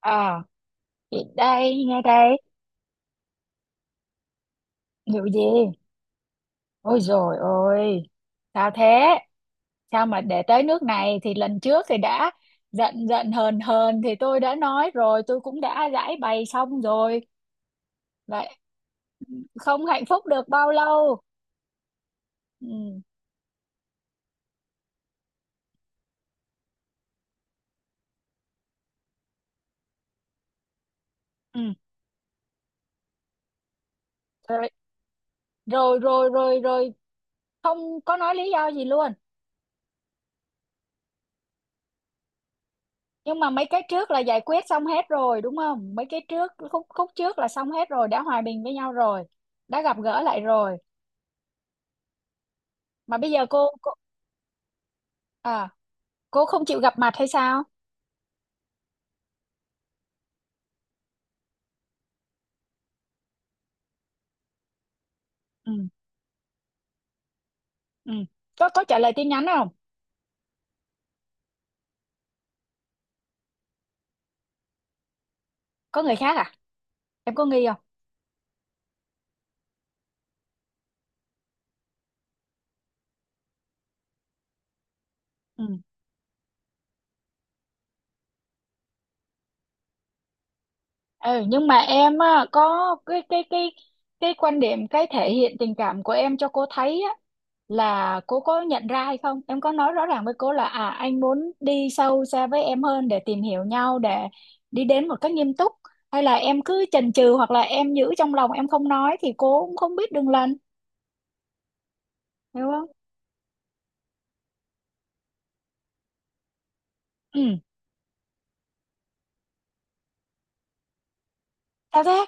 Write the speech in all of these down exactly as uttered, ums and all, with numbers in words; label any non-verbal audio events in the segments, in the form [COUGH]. À, chị đây, nghe đây. Vụ gì? Ôi dồi ôi, sao thế? Sao mà để tới nước này thì lần trước thì đã giận giận hờn hờn thì tôi đã nói rồi, tôi cũng đã giải bày xong rồi. Vậy không hạnh phúc được bao lâu. Ừ, ừ. Rồi, rồi, rồi, rồi, rồi, không có nói lý do gì luôn. Nhưng mà mấy cái trước là giải quyết xong hết rồi, đúng không? Mấy cái trước, khúc, khúc trước là xong hết rồi, đã hòa bình với nhau rồi, đã gặp gỡ lại rồi. Mà bây giờ cô, cô... À, cô không chịu gặp mặt hay sao? Ừ, ừ. Có có trả lời tin nhắn không? Có người khác à? Em có nghi không? Ừ, ừ, nhưng mà em á, có cái cái cái cái quan điểm, cái thể hiện tình cảm của em cho cô thấy á, là cô có nhận ra hay không? Em có nói rõ ràng với cô là à, anh muốn đi sâu xa với em hơn để tìm hiểu nhau, để đi đến một cách nghiêm túc, hay là em cứ chần chừ hoặc là em giữ trong lòng em không nói thì cô cũng không biết đường lần. Hiểu không? Ừ, sao thế?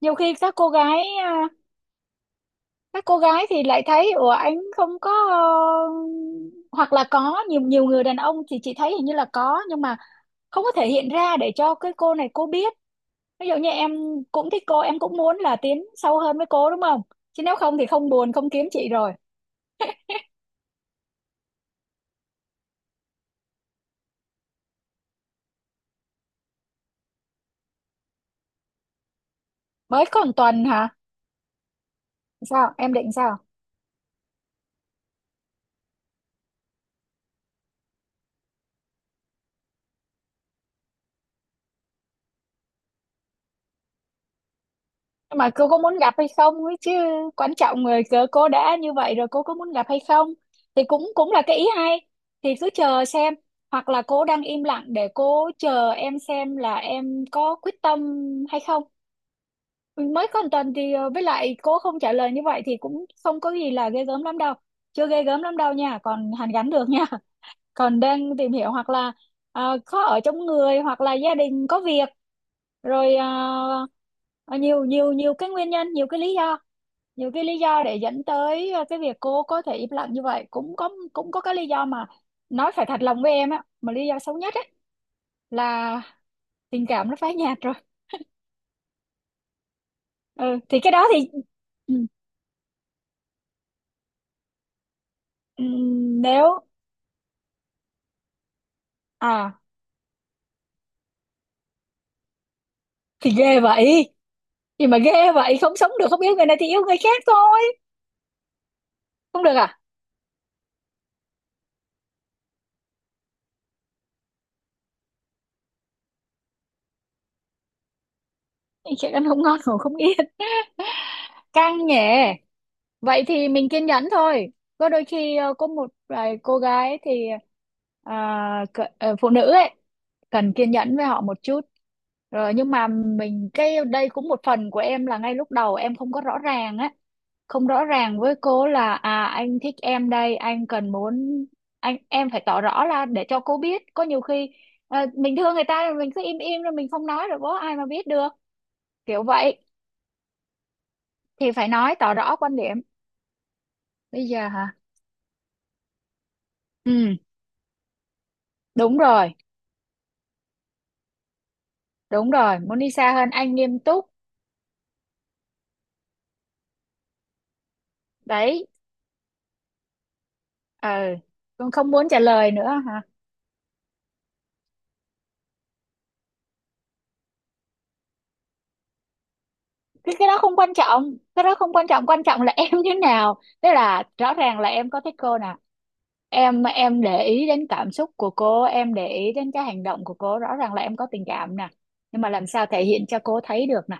Nhiều khi các cô gái à, các cô gái thì lại thấy ủa anh không có, ờ, hoặc là có nhiều nhiều người đàn ông thì chị thấy hình như là có nhưng mà không có thể hiện ra để cho cái cô này cô biết. Ví dụ như em cũng thích cô, em cũng muốn là tiến sâu hơn với cô, đúng không? Chứ nếu không thì không buồn, không kiếm chị rồi. Mới còn tuần hả? Sao em định sao? Nhưng mà cô có muốn gặp hay không ấy chứ. Quan trọng người cớ cô đã như vậy rồi cô có muốn gặp hay không, thì cũng cũng là cái ý hay, thì cứ chờ xem. Hoặc là cô đang im lặng để cô chờ em xem là em có quyết tâm hay không. Mới có một tuần thì ờ, với lại cô không trả lời như vậy thì cũng không có gì là ghê gớm lắm đâu, chưa ghê gớm lắm đâu nha, còn hàn gắn được nha. [LAUGHS] Còn đang tìm hiểu, hoặc là ờ, khó ở trong người, hoặc là gia đình có việc rồi, à, à, nhiều nhiều nhiều cái nguyên nhân, nhiều cái lý do, nhiều cái lý do để dẫn tới à, cái việc cô có thể im lặng như vậy, cũng có, cũng có cái lý do mà. Nói phải thật lòng với em á, mà lý do xấu nhất ấy là tình cảm nó phai nhạt rồi. Ừ thì cái đó thì ừ, ừ, nếu à thì ghê vậy. Gì mà ghê vậy, không sống được, không yêu người này thì yêu người khác thôi. Không được à? Chuyện ăn không ngon ngủ không yên. [LAUGHS] Căng nhẹ. Vậy thì mình kiên nhẫn thôi. Có đôi khi ờ, có một vài cô gái thì à, cỡ- ờ, phụ nữ ấy, cần kiên nhẫn với họ một chút. Rồi nhưng mà mình cái đây cũng một phần của em là ngay lúc đầu em không có rõ ràng á, không rõ ràng với cô là à, anh thích em đây, anh cần muốn, anh em phải tỏ rõ ra để cho cô biết. Có nhiều khi ờ, mình thương người ta rồi mình cứ im im rồi mình không nói rồi có ai mà biết được. Kiểu vậy thì phải nói tỏ rõ quan điểm. Bây giờ hả? Ừ. Đúng rồi, đúng rồi, muốn đi xa hơn, anh nghiêm túc. Đấy. Ờ, con không muốn trả lời nữa hả? Cái cái đó không quan trọng, cái đó không quan trọng, quan trọng là em như thế nào. Tức là rõ ràng là em có thích cô nè, em em để ý đến cảm xúc của cô, em để ý đến cái hành động của cô, rõ ràng là em có tình cảm nè, nhưng mà làm sao thể hiện cho cô thấy được nè.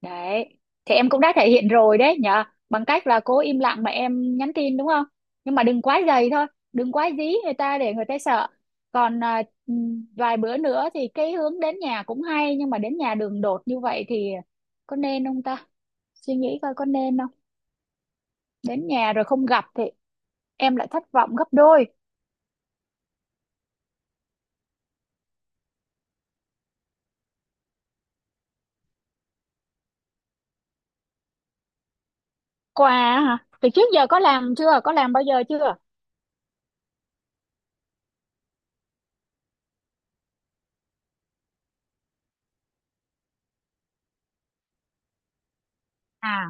Đấy, thì em cũng đã thể hiện rồi đấy nhở, bằng cách là cô im lặng mà em nhắn tin, đúng không? Nhưng mà đừng quá dày thôi, đừng quá dí người ta để người ta sợ. Còn à, ừm, vài bữa nữa thì cái hướng đến nhà cũng hay, nhưng mà đến nhà đường đột như vậy thì có nên không ta. Suy nghĩ coi có nên không, đến nhà rồi không gặp thì em lại thất vọng gấp đôi. Quà hả? Từ trước giờ có làm chưa, có làm bao giờ chưa? À,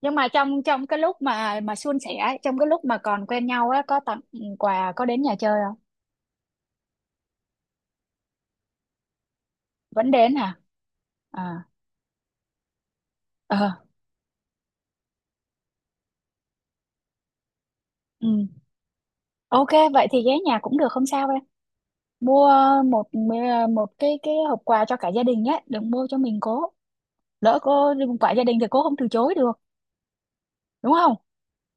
nhưng mà trong trong cái lúc mà mà suôn sẻ ấy, trong cái lúc mà còn quen nhau á, có tặng quà, có đến nhà chơi không? Vẫn đến hả? À, ờ, ừ. Ok, vậy thì ghé nhà cũng được, không sao em. Mua một một cái cái hộp quà cho cả gia đình nhé, đừng mua cho mình cố, lỡ cô, quả gia đình thì cô không từ chối được, đúng không?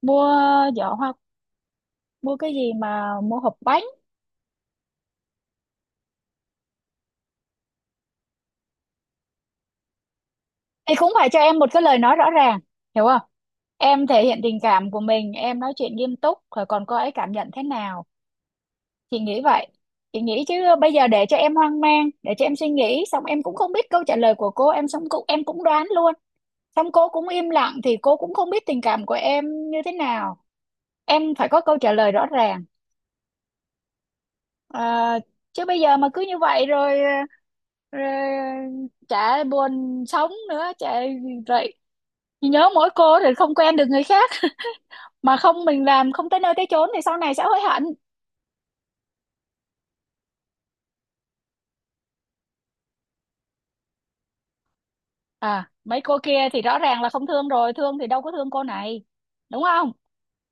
Mua giỏ hoa, mua cái gì, mà mua hộp bánh. Thì cũng phải cho em một cái lời nói rõ ràng. Hiểu không? Em thể hiện tình cảm của mình, em nói chuyện nghiêm túc rồi, còn cô ấy cảm nhận thế nào. Chị nghĩ vậy, chị nghĩ chứ. Bây giờ để cho em hoang mang, để cho em suy nghĩ xong em cũng không biết câu trả lời của cô, em xong cũng em cũng đoán luôn, xong cô cũng im lặng thì cô cũng không biết tình cảm của em như thế nào. Em phải có câu trả lời rõ ràng. À, chứ bây giờ mà cứ như vậy rồi rồi chả buồn sống nữa chả vậy. Chị nhớ mỗi cô thì không quen được người khác, mà không mình làm không tới nơi tới chốn thì sau này sẽ hối hận. À, mấy cô kia thì rõ ràng là không thương rồi, thương thì đâu có thương cô này, đúng không?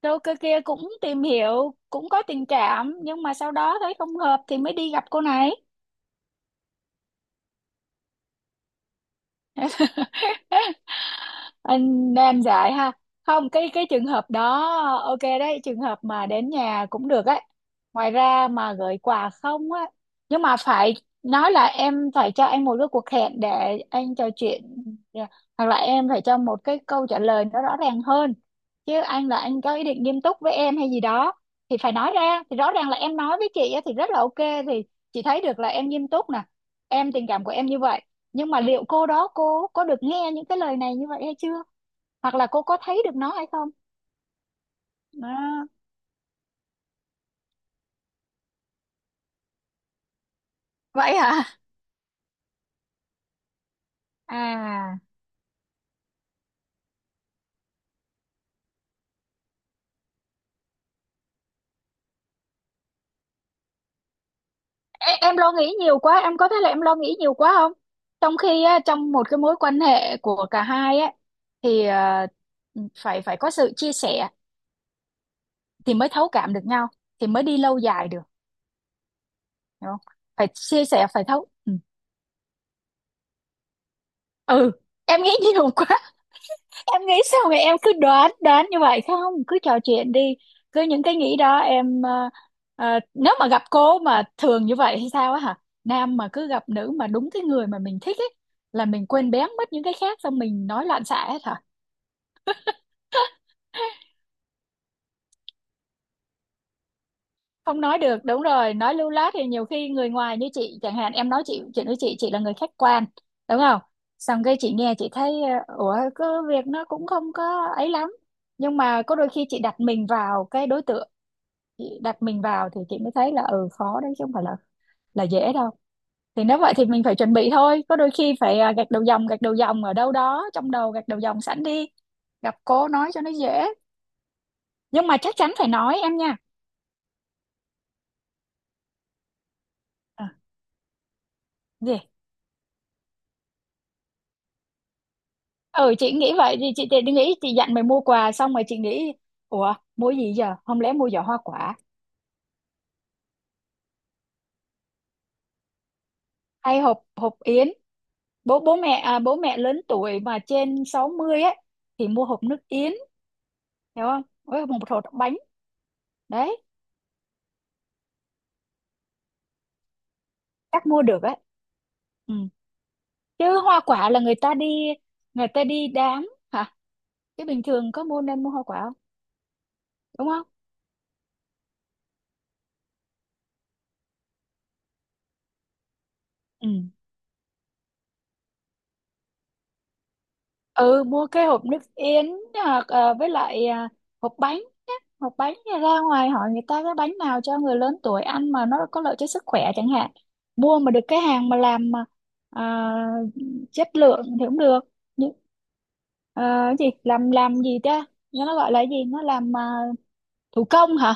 Cô kia kia cũng tìm hiểu, cũng có tình cảm, nhưng mà sau đó thấy không hợp thì mới đi gặp cô này. [LAUGHS] Anh nam dại ha. Không, cái cái trường hợp đó. Ok, đấy trường hợp mà đến nhà cũng được ấy, ngoài ra mà gửi quà không á. Nhưng mà phải nói là em phải cho anh một cái cuộc hẹn để anh trò chuyện, yeah, hoặc là em phải cho một cái câu trả lời nó rõ ràng hơn, chứ anh là anh có ý định nghiêm túc với em hay gì đó, thì phải nói ra. Thì rõ ràng là em nói với chị á thì rất là ok, thì chị thấy được là em nghiêm túc nè, em tình cảm của em như vậy, nhưng mà liệu cô đó cô có được nghe những cái lời này như vậy hay chưa, hoặc là cô có thấy được nó hay không. Đó. Vậy hả? À, em, em lo nghĩ nhiều quá, em có thấy là em lo nghĩ nhiều quá không? Trong khi á, trong một cái mối quan hệ của cả hai á, thì ờ, phải phải có sự chia sẻ, thì mới thấu cảm được nhau, thì mới đi lâu dài được. Hiểu không? Phải chia sẻ, phải thấu, ừ, ừ. Em nghĩ nhiều quá. Em nghĩ sao mà em cứ đoán đoán như vậy, không cứ trò chuyện đi. Cứ những cái nghĩ đó em ờ, ờ, nếu mà gặp cô mà thường như vậy hay sao á hả? Nam mà cứ gặp nữ mà đúng cái người mà mình thích ấy, là mình quên bén mất những cái khác, xong mình nói loạn xạ hết hả? Không nói được, đúng rồi, nói lưu loát thì nhiều khi người ngoài như chị chẳng hạn, em nói chị, chuyện với chị chị là người khách quan, đúng không? Xong cái chị nghe chị thấy ờ, ủa có việc nó cũng không có ấy lắm, nhưng mà có đôi khi chị đặt mình vào cái đối tượng, chị đặt mình vào thì chị mới thấy là ừ khó đấy, chứ không phải là là dễ đâu. Thì nếu vậy thì mình phải chuẩn bị thôi, có đôi khi phải à, gạch đầu dòng, gạch đầu dòng ở đâu đó trong đầu, gạch đầu dòng sẵn đi, gặp cô nói cho nó dễ. Nhưng mà chắc chắn phải nói em nha. À, gì? Ừ chị nghĩ vậy, thì chị thì nghĩ chị dặn mày mua quà xong rồi chị nghĩ ủa mua gì giờ, không lẽ mua giỏ hoa quả, hay hộp hộp yến. Bố bố mẹ, à, bố mẹ lớn tuổi mà trên sáu mươi ấy, thì mua hộp nước yến, hiểu không, với một hộp bánh. Đấy, chắc mua được á. Ừ. Chứ hoa quả là người ta đi, người ta đi đám hả? Chứ bình thường có mua, nên mua hoa quả không, đúng không? Ừ, ừ, mua cái hộp nước yến, hoặc ờ, với lại ờ, hộp bánh á. Hộp bánh thì ra ngoài hỏi người ta cái bánh nào cho người lớn tuổi ăn mà nó có lợi cho sức khỏe chẳng hạn, mua mà được cái hàng mà làm mà ờ, chất lượng thì cũng được, nhưng ờ, cái gì làm làm gì ta, nó gọi là cái gì nó làm ờ, thủ công hả,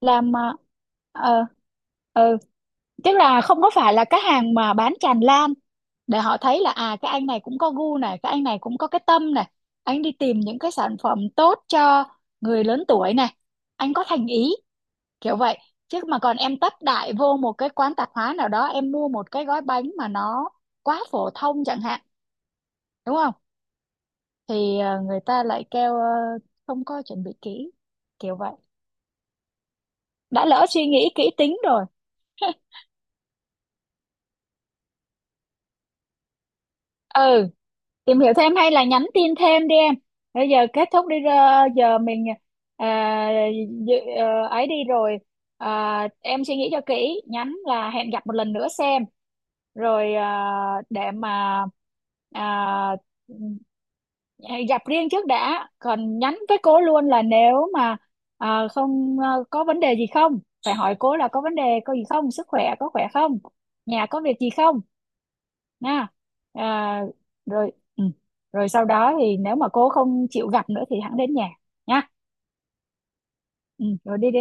làm à, ờ, ờ, tức là không có phải là cái hàng mà bán tràn lan, để họ thấy là à cái anh này cũng có gu này, cái anh này cũng có cái tâm này, anh đi tìm những cái sản phẩm tốt cho người lớn tuổi này, anh có thành ý, kiểu vậy. Chứ mà còn em tấp đại vô một cái quán tạp hóa nào đó em mua một cái gói bánh mà nó quá phổ thông chẳng hạn, đúng không, thì ờ, người ta lại kêu ờ, không có chuẩn bị kỹ, kiểu vậy. Đã lỡ suy nghĩ kỹ tính rồi. [LAUGHS] Ừ, tìm hiểu thêm hay là nhắn tin thêm đi em. Bây giờ kết thúc đi ra- giờ mình à, dự- ờ, ấy đi rồi. À, em suy nghĩ cho kỹ, nhắn là hẹn gặp một lần nữa xem, rồi à, để mà à, gặp riêng trước đã, còn nhắn với cô luôn là nếu mà à, không à, có vấn đề gì không, phải hỏi cô là có vấn đề có gì không, sức khỏe có khỏe không, nhà có việc gì không, nha. Ờ, rồi ừ. Rồi sau đó thì nếu mà cô không chịu gặp nữa thì hẵng đến nhà nha. Ừ. Rồi đi đi.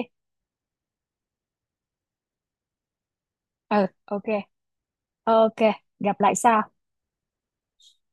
Ừ, ok, ok, gặp lại sau.